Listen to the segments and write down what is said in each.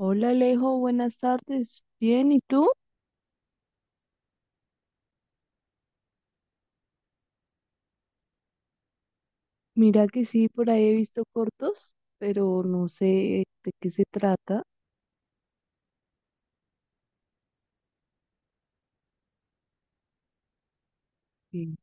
Hola Alejo, buenas tardes. Bien, ¿y tú? Mira que sí, por ahí he visto cortos, pero no sé de qué se trata. Sí.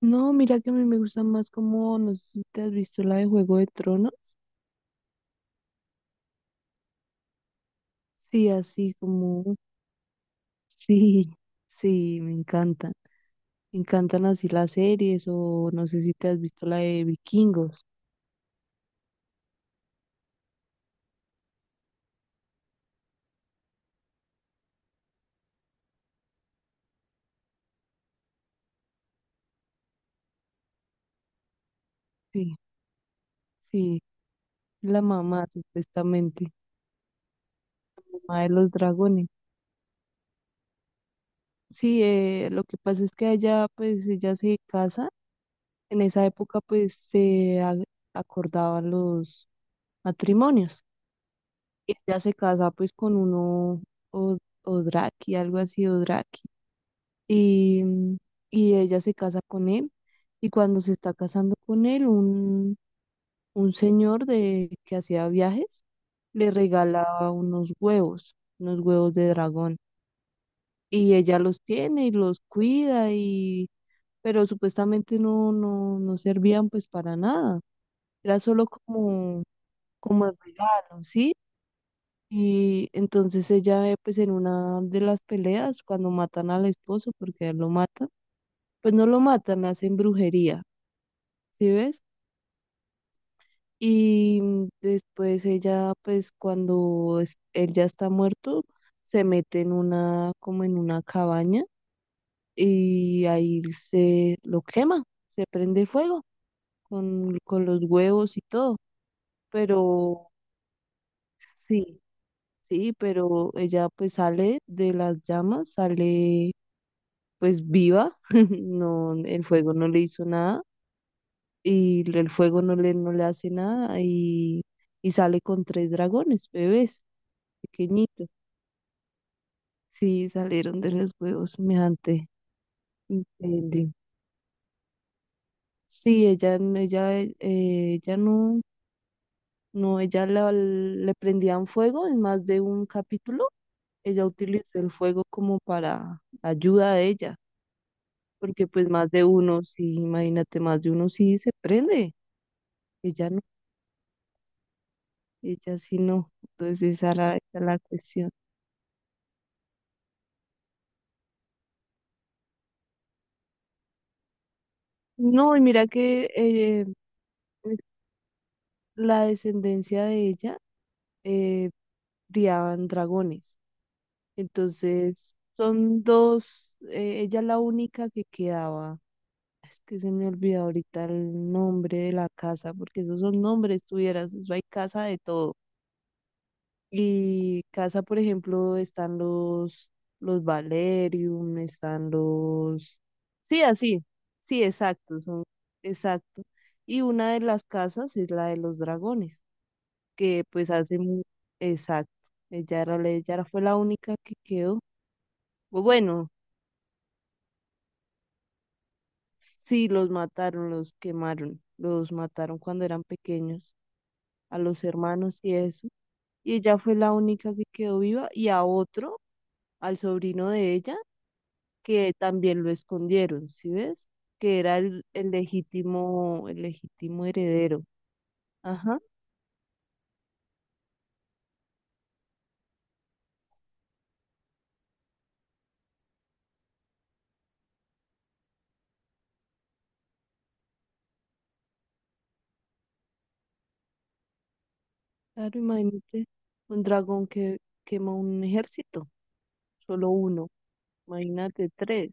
No, mira que a mí me gusta más como, no sé si te has visto la de Juego de Tronos. Sí, así como, sí, sí, me encantan. Me encantan así las series o no sé si te has visto la de Vikingos. Sí, sí, la mamá supuestamente, la mamá de los dragones. Sí, lo que pasa es que allá pues ella se casa. En esa época pues acordaban los matrimonios. Y ella se casa pues con uno Odraki, algo así, Odraki. Y, mm, y ella se casa con él. Y cuando se está casando con él, un señor que hacía viajes le regalaba unos huevos de dragón. Y ella los tiene y los cuida pero supuestamente no, no, no servían pues para nada. Era solo como, como el regalo, ¿sí? Y entonces ella, pues en una de las peleas, cuando matan al esposo, porque a él lo matan, pues no lo matan, le hacen brujería, ¿sí ves? Y después ella, pues cuando él ya está muerto, se mete en una, como en una cabaña y ahí se lo quema, se prende fuego con los huevos y todo, pero sí. Sí, pero ella pues sale de las llamas, sale pues viva, no, el fuego no le hizo nada y el fuego no le hace nada y sale con tres dragones, bebés, pequeñitos. Sí, salieron de los huevos semejante. Increíble. Sí, ella, ella no, no, ella le prendían fuego en más de un capítulo. Ella utilizó el fuego como para ayuda de ella. Porque pues más de uno, sí, imagínate, más de uno sí se prende, ella no, ella sí no, entonces esa era la cuestión. No, y mira que pues, la descendencia de ella eh, criaban dragones, entonces son dos, ella es la única que quedaba, es que se me olvidó ahorita el nombre de la casa, porque esos son nombres tuvieras, eso hay casa de todo. Y casa, por ejemplo, están los Valerium, están los... Sí, así, sí, exacto, son, exacto. Y una de las casas es la de los dragones, que pues hace mu-. Exacto, ella era, la- ella era- fue la única que quedó. Bueno, sí, los mataron, los quemaron, los mataron cuando eran pequeños, a los hermanos y eso. Y ella fue la única que quedó viva y a otro, al sobrino de ella que también lo escondieron, ¿sí ves? Que era el legítimo, el legítimo heredero. Ajá, claro, imagínate un dragón que quema un ejército, solo uno, imagínate tres.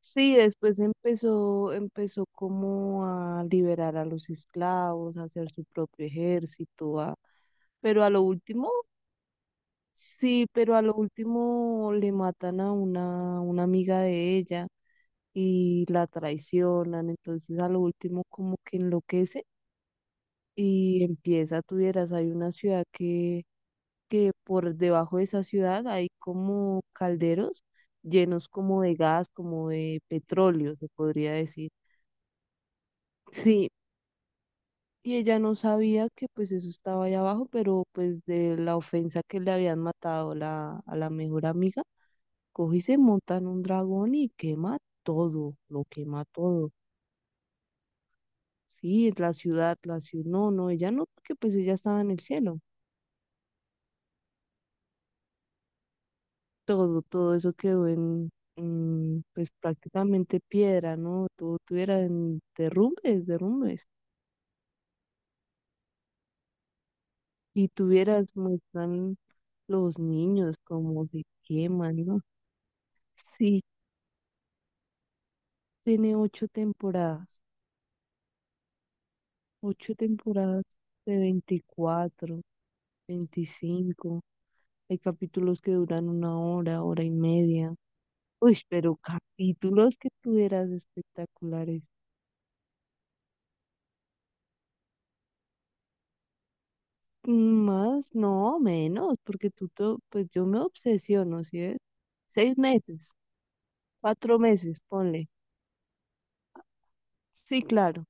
Sí, después empezó como a liberar a los esclavos, a hacer su propio ejército, a... Pero a lo último, sí, pero a lo último le matan a una amiga de ella y la traicionan, entonces a lo último como que enloquece y empieza, tuvieras, hay una ciudad que por debajo de esa ciudad hay como calderos llenos como de gas, como de petróleo, se podría decir. Sí, y ella no sabía que pues eso estaba allá abajo, pero pues de la ofensa que le habían matado a la mejor amiga, coge y se monta en un dragón y quema todo, lo quema todo. Sí, la ciudad, no, no, ella no, porque pues ella estaba en el cielo. Todo, todo eso quedó en, pues prácticamente piedra, ¿no? Todo tuviera en derrumbes, derrumbes. Y tuvieras, muestran los niños como se queman, ¿no? Sí, tiene ocho temporadas, ocho temporadas. De 24, 25. Hay capítulos que duran una hora, hora y media. Uy, pero capítulos que tuvieras espectaculares. Más, no, menos, porque tú, pues yo me obsesiono, ¿sí ves? 6 meses, 4 meses, ponle. Sí, claro.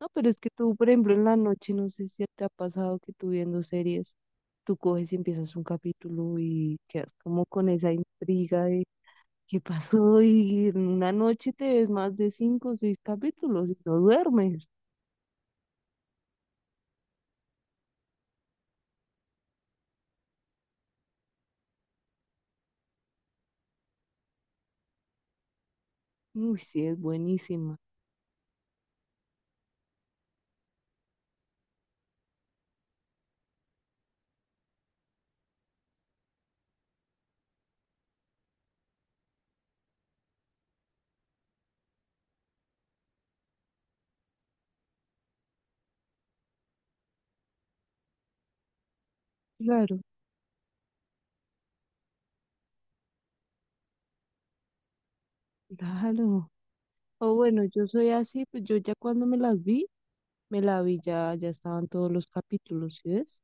No, pero es que tú, por ejemplo, en la noche, no sé si te ha pasado que tú viendo series, tú coges y empiezas un capítulo y quedas como con esa intriga de qué pasó y en una noche te ves más de cinco o seis capítulos y no duermes. Uy, sí, es buenísima. Claro, claro. O bueno, yo soy así, pues yo ya cuando me las vi. Me la vi ya estaban todos los capítulos, ¿sí ves?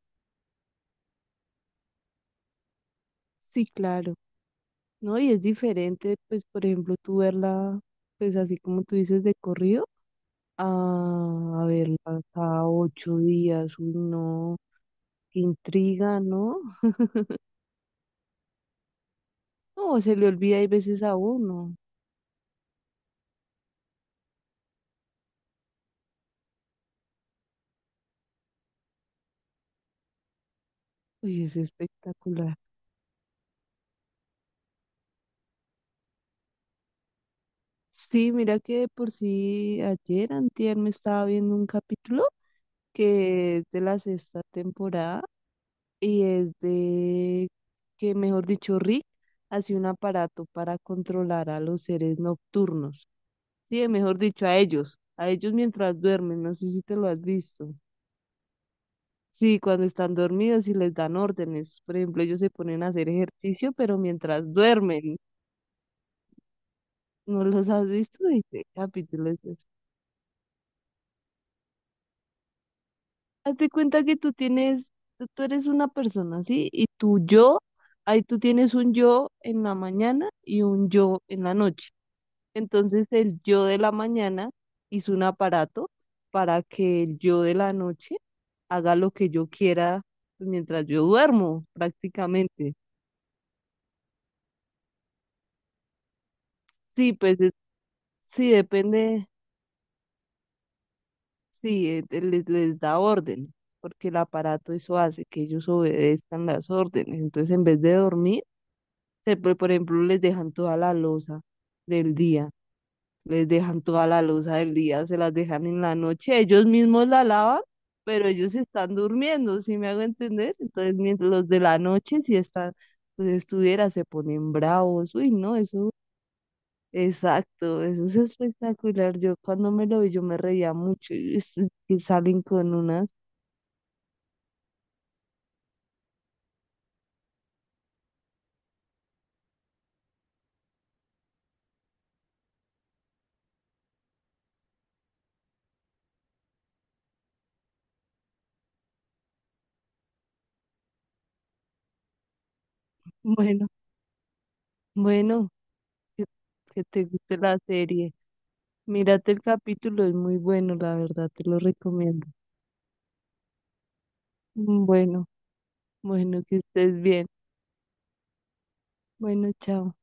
Sí, claro, ¿no? Y es diferente, pues, por ejemplo, tú verla, pues, así como tú dices, de corrido, a, a verla cada 8 días, uy, no, qué intriga, ¿no? No, se le olvida hay veces a uno, uy, es espectacular. Sí, mira que de por sí ayer, antier, me estaba viendo un capítulo que es de la sexta temporada y es de que, mejor dicho, Rick hace un aparato para controlar a los seres nocturnos. Sí, mejor dicho, a ellos mientras duermen, no sé si te lo has visto. Sí, cuando están dormidos y les dan órdenes. Por ejemplo, ellos se ponen a hacer ejercicio, pero mientras duermen. ¿No los has visto? Dice, capítulo es este. Hazte cuenta que tú tienes, tú tú eres una persona, ¿sí? Y tu yo, ahí tú tienes un yo en la mañana y un yo en la noche. Entonces el yo de la mañana hizo un aparato para que el yo de la noche haga lo que yo quiera pues, mientras yo duermo, prácticamente. Sí, pues sí, depende, sí, les da orden, porque el aparato eso hace que ellos obedezcan las órdenes. Entonces en vez de dormir, por ejemplo, les dejan toda la loza del día. Les dejan toda la loza del día, se las dejan en la noche, ellos mismos la lavan, pero ellos están durmiendo, ¿sí me hago entender? Entonces, mientras los de la noche, si están, pues estuviera, se ponen bravos, uy, no, eso, exacto, eso es espectacular, yo cuando me lo vi, yo me reía mucho, y que salen con unas, bueno, bueno, que, que te guste la serie, mírate el capítulo, es muy bueno, la verdad, te lo recomiendo, bueno, bueno, que estés bien, bueno, chao.